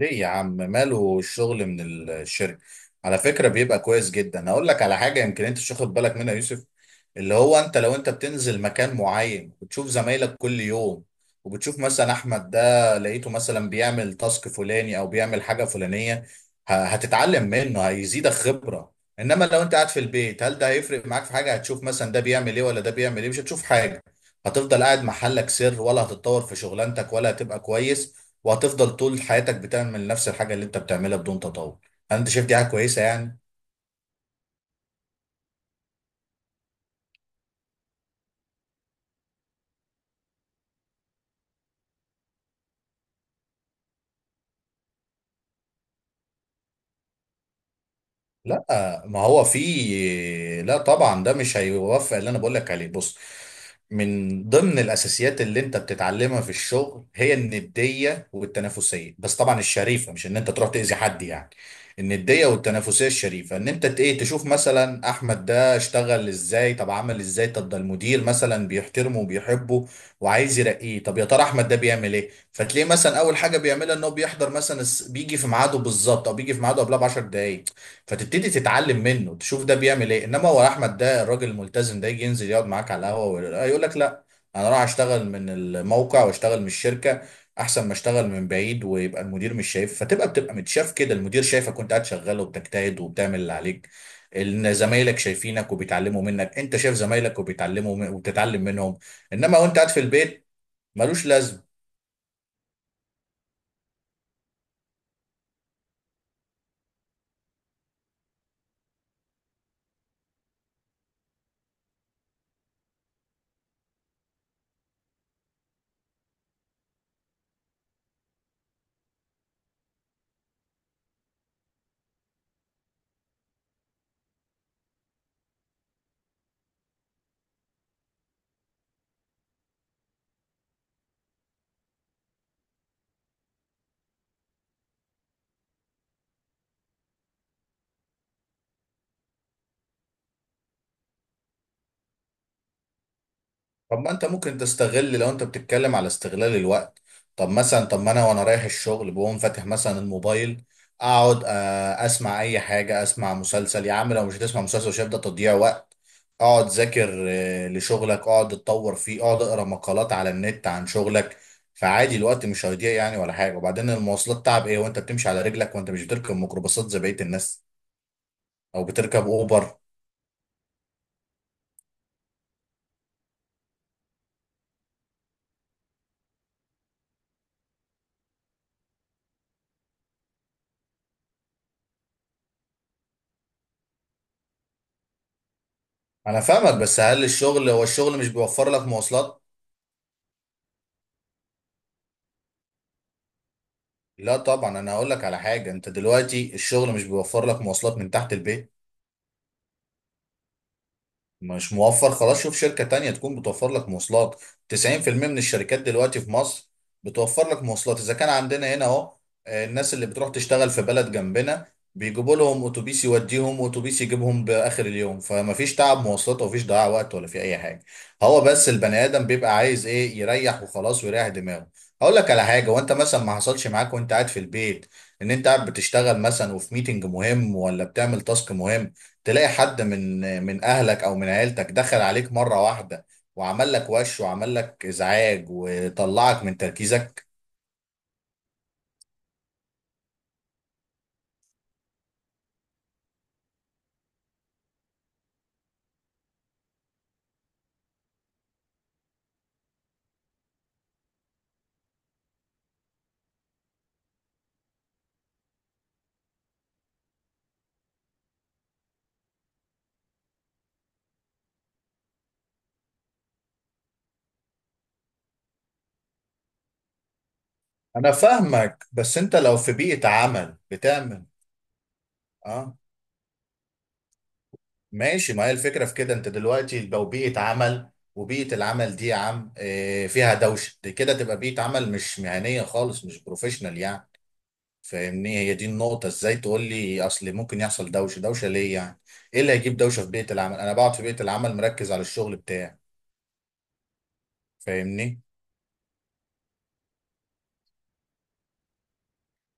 ليه يا عم، ماله الشغل من الشركة؟ على فكرة بيبقى كويس جدا. هقول لك على حاجة يمكن انت مش واخد بالك منها يا يوسف. اللي هو انت لو انت بتنزل مكان معين وبتشوف زمايلك كل يوم، وبتشوف مثلا احمد ده لقيته مثلا بيعمل تاسك فلاني او بيعمل حاجة فلانية، هتتعلم منه، هيزيدك خبرة. انما لو انت قاعد في البيت، هل ده هيفرق معاك في حاجة؟ هتشوف مثلا ده بيعمل ايه ولا ده بيعمل ايه؟ مش هتشوف حاجة. هتفضل قاعد محلك سر، ولا هتتطور في شغلانتك ولا هتبقى كويس. وهتفضل طول حياتك بتعمل نفس الحاجة اللي انت بتعملها بدون تطور. هل انت شايف دي حاجة كويسة يعني؟ لا، ما هو في. لا طبعا، ده مش هيوفق. اللي انا بقول لك عليه، بص، من ضمن الاساسيات اللي انت بتتعلمها في الشغل هي النديه والتنافسيه، بس طبعا الشريفه، مش ان انت تروح تاذي حد يعني. النديه والتنافسيه الشريفه ان انت ت- ايه تشوف مثلا احمد ده اشتغل ازاي، طب عمل ازاي، طب ده المدير مثلا بيحترمه وبيحبه وعايز يرقيه. طب يا ترى احمد ده بيعمل ايه؟ فتلاقيه مثلا اول حاجه بيعملها ان هو بيحضر مثلا بيجي في ميعاده بالظبط، او بيجي في ميعاده قبلها ب 10 دقائق. فتبتدي تتعلم منه، تشوف ده بيعمل ايه. انما هو احمد ده الراجل الملتزم ده يجي ينزل يقعد معاك على القهوه ويقول يقول لك لا، انا راح اشتغل من الموقع واشتغل من الشركه، احسن ما اشتغل من بعيد ويبقى المدير مش شايف. فتبقى متشاف كده، المدير شايفك وانت قاعد شغال وبتجتهد وبتعمل اللي عليك، ان زمايلك شايفينك وبيتعلموا منك، انت شايف زمايلك وبيتعلموا وبتتعلم منهم. انما وانت قاعد في البيت، ملوش لازمه. طب ما انت ممكن تستغل، لو انت بتتكلم على استغلال الوقت، طب مثلا، طب ما انا وانا رايح الشغل بقوم فاتح مثلا الموبايل، اقعد اسمع اي حاجه، اسمع مسلسل يا عم. لو مش هتسمع مسلسل شايف ده تضييع وقت، اقعد ذاكر لشغلك، اقعد اتطور فيه، اقعد اقرا مقالات على النت عن شغلك. فعادي الوقت مش هيضيع يعني ولا حاجه. وبعدين المواصلات، تعب ايه وانت بتمشي على رجلك وانت مش بتركب ميكروباصات زي بقيه الناس او بتركب اوبر؟ انا فاهمك، بس هل الشغل، هو الشغل مش بيوفر لك مواصلات؟ لا طبعا، انا هقول لك على حاجه. انت دلوقتي الشغل مش بيوفر لك مواصلات من تحت البيت، مش موفر، خلاص شوف شركة تانية تكون بتوفر لك مواصلات. 90% من الشركات دلوقتي في مصر بتوفر لك مواصلات. إذا كان عندنا هنا أهو، الناس اللي بتروح تشتغل في بلد جنبنا بيجيبوا لهم أتوبيس يوديهم وأتوبيس يجيبهم بآخر اليوم، فما فيش تعب مواصلات وما فيش ضياع وقت ولا في أي حاجة. هو بس البني آدم بيبقى عايز إيه؟ يريح وخلاص ويريح دماغه. هقول لك على حاجة، وأنت مثلا ما حصلش معاك وأنت قاعد في البيت، إن أنت قاعد بتشتغل مثلا وفي ميتنج مهم ولا بتعمل تاسك مهم، تلاقي حد من اهلك او من عيلتك دخل عليك مره واحده وعمل لك وش وعمل لك ازعاج وطلعك من تركيزك. انا فاهمك، بس انت لو في بيئه عمل بتعمل. اه ماشي، ما هي الفكره في كده. انت دلوقتي لو بيئه عمل، وبيئه العمل دي يا عم فيها دوشه، دي كده تبقى بيئه عمل مش مهنيه خالص، مش بروفيشنال يعني. فاهمني، هي دي النقطه. ازاي تقول لي اصل ممكن يحصل دوشه؟ دوشه ليه يعني؟ ايه اللي هيجيب دوشه في بيئه العمل؟ انا بقعد في بيئه العمل مركز على الشغل بتاعي، فاهمني.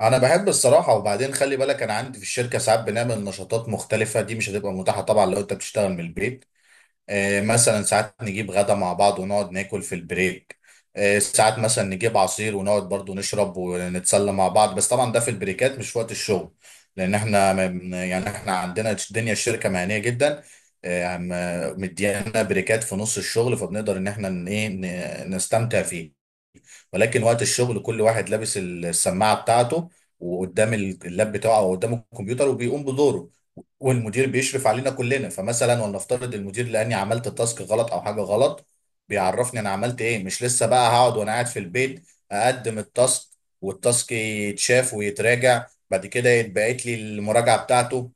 انا بحب الصراحه. وبعدين خلي بالك انا عندي في الشركه ساعات بنعمل نشاطات مختلفه، دي مش هتبقى متاحه طبعا لو انت بتشتغل من البيت. آه مثلا ساعات نجيب غدا مع بعض ونقعد ناكل في البريك، آه ساعات مثلا نجيب عصير ونقعد برضو نشرب ونتسلى مع بعض. بس طبعا ده في البريكات مش في وقت الشغل، لان احنا ما بن- يعني احنا عندنا الدنيا، الشركه مهنيه جدا مديانا بريكات في نص الشغل، فبنقدر ان احنا نستمتع فيه. ولكن وقت الشغل كل واحد لابس السماعه بتاعته، وقدام اللاب بتاعه او قدام الكمبيوتر وبيقوم بدوره. والمدير بيشرف علينا كلنا، فمثلا ولنفترض المدير لاني عملت تاسك غلط او حاجه غلط، بيعرفني انا عملت ايه. مش لسه بقى هقعد وانا قاعد في البيت اقدم التاسك، والتاسك يتشاف ويتراجع بعد كده يتبعت لي المراجعه بتاعته.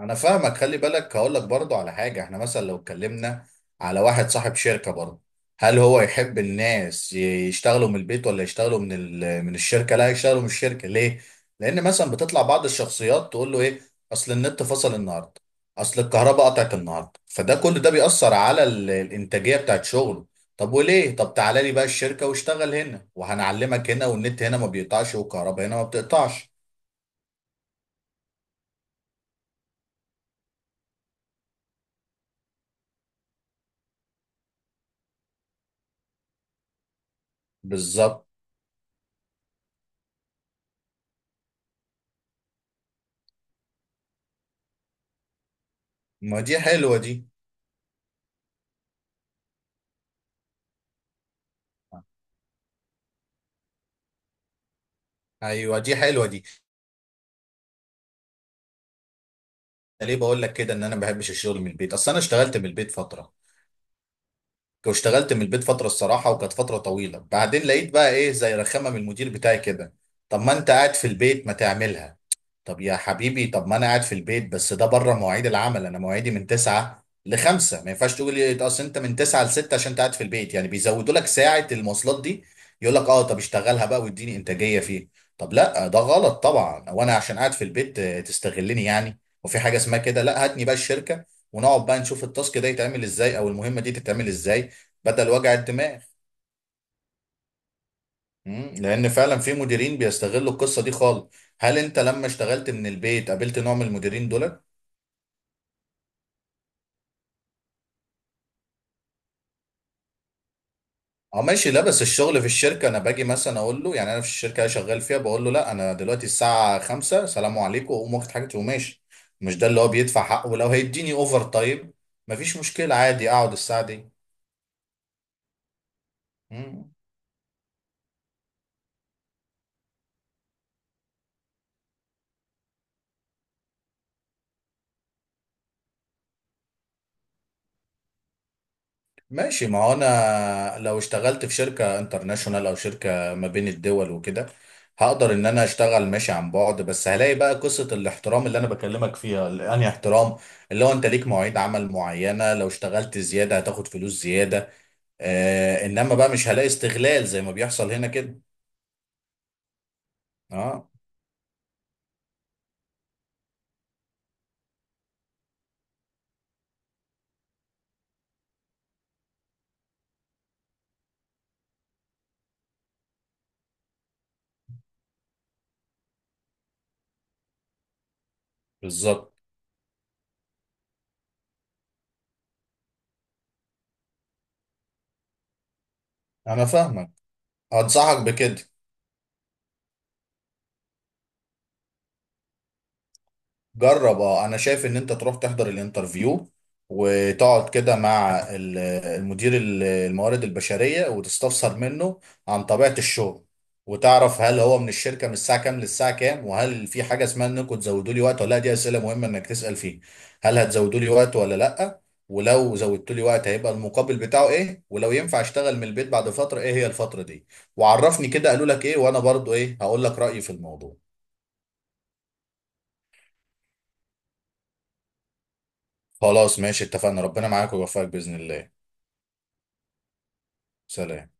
انا فاهمك، خلي بالك هقول لك برضه على حاجه. احنا مثلا لو اتكلمنا على واحد صاحب شركه برضه، هل هو يحب الناس يشتغلوا من البيت ولا يشتغلوا من من الشركه؟ لا، يشتغلوا من الشركه. ليه؟ لان مثلا بتطلع بعض الشخصيات تقول له ايه، اصل النت فصل النهارده، اصل الكهرباء قطعت النهارده، فده كل ده بيأثر على الانتاجيه بتاعت شغله. طب وليه؟ طب تعالى لي بقى الشركه واشتغل هنا وهنعلمك هنا، والنت هنا ما بيقطعش والكهرباء هنا ما بتقطعش. بالظبط، ما دي حلوه دي. ايوه دي حلوه دي. انا ليه بقول لك كده ان انا ما بحبش الشغل من البيت؟ اصل انا اشتغلت من البيت فتره، واشتغلت من البيت فتره الصراحه وكانت فتره طويله. بعدين لقيت بقى ايه، زي رخامه من المدير بتاعي كده، طب ما انت قاعد في البيت ما تعملها. طب يا حبيبي، طب ما انا قاعد في البيت، بس ده بره مواعيد العمل، انا مواعيدي من 9 ل 5. ما ينفعش تقول لي اصل انت من 9 ل 6 عشان انت قاعد في البيت، يعني بيزودوا لك ساعة المواصلات دي. يقول لك اه، طب اشتغلها بقى واديني انتاجية فيه. طب لا، ده غلط طبعا، وانا عشان قاعد في البيت تستغلني يعني. وفي حاجة اسمها كده؟ لا، هاتني بقى الشركة ونقعد بقى نشوف التاسك ده يتعمل ازاي او المهمة دي تتعمل ازاي، بدل وجع الدماغ. لان فعلا في مديرين بيستغلوا القصة دي خالص. هل انت لما اشتغلت من البيت قابلت نوع من المديرين دول؟ اه ماشي. لا بس الشغل في الشركة انا باجي مثلا اقول له، يعني انا في الشركة اللي شغال فيها بقول له لا، انا دلوقتي الساعة 5 سلام عليكم، واقوم واخد حاجتي وماشي. مش ده اللي هو بيدفع حقه؟ ولو هيديني اوفر تايم مفيش مشكلة، عادي اقعد الساعة دي. مم. ماشي. ما هو انا لو اشتغلت في شركة انترناشونال او شركة ما بين الدول وكده، هقدر ان انا اشتغل ماشي عن بعد. بس هلاقي بقى قصة الاحترام اللي انا بكلمك فيها. انهي احترام؟ اللي هو انت ليك مواعيد عمل معينة، لو اشتغلت زيادة هتاخد فلوس زيادة. آه، انما بقى مش هلاقي استغلال زي ما بيحصل هنا كده. اه، بالظبط. انا فاهمك، انصحك بكده، جرب. اه انا شايف ان انت تروح تحضر الانترفيو، وتقعد كده مع المدير، الموارد البشرية، وتستفسر منه عن طبيعة الشغل. وتعرف هل هو من الشركة من الساعة كام للساعة كام، وهل في حاجة اسمها انكم تزودوا لي وقت ولا لا، دي أسئلة مهمة انك تسأل فيه. هل هتزودوا لي وقت ولا لا، ولو زودتوا لي وقت هيبقى المقابل بتاعه ايه، ولو ينفع اشتغل من البيت بعد فترة ايه هي الفترة دي. وعرفني كده قالوا لك ايه وانا برضو ايه هقول لك رأيي في الموضوع. خلاص ماشي اتفقنا، ربنا معاك ويوفقك بإذن الله. سلام.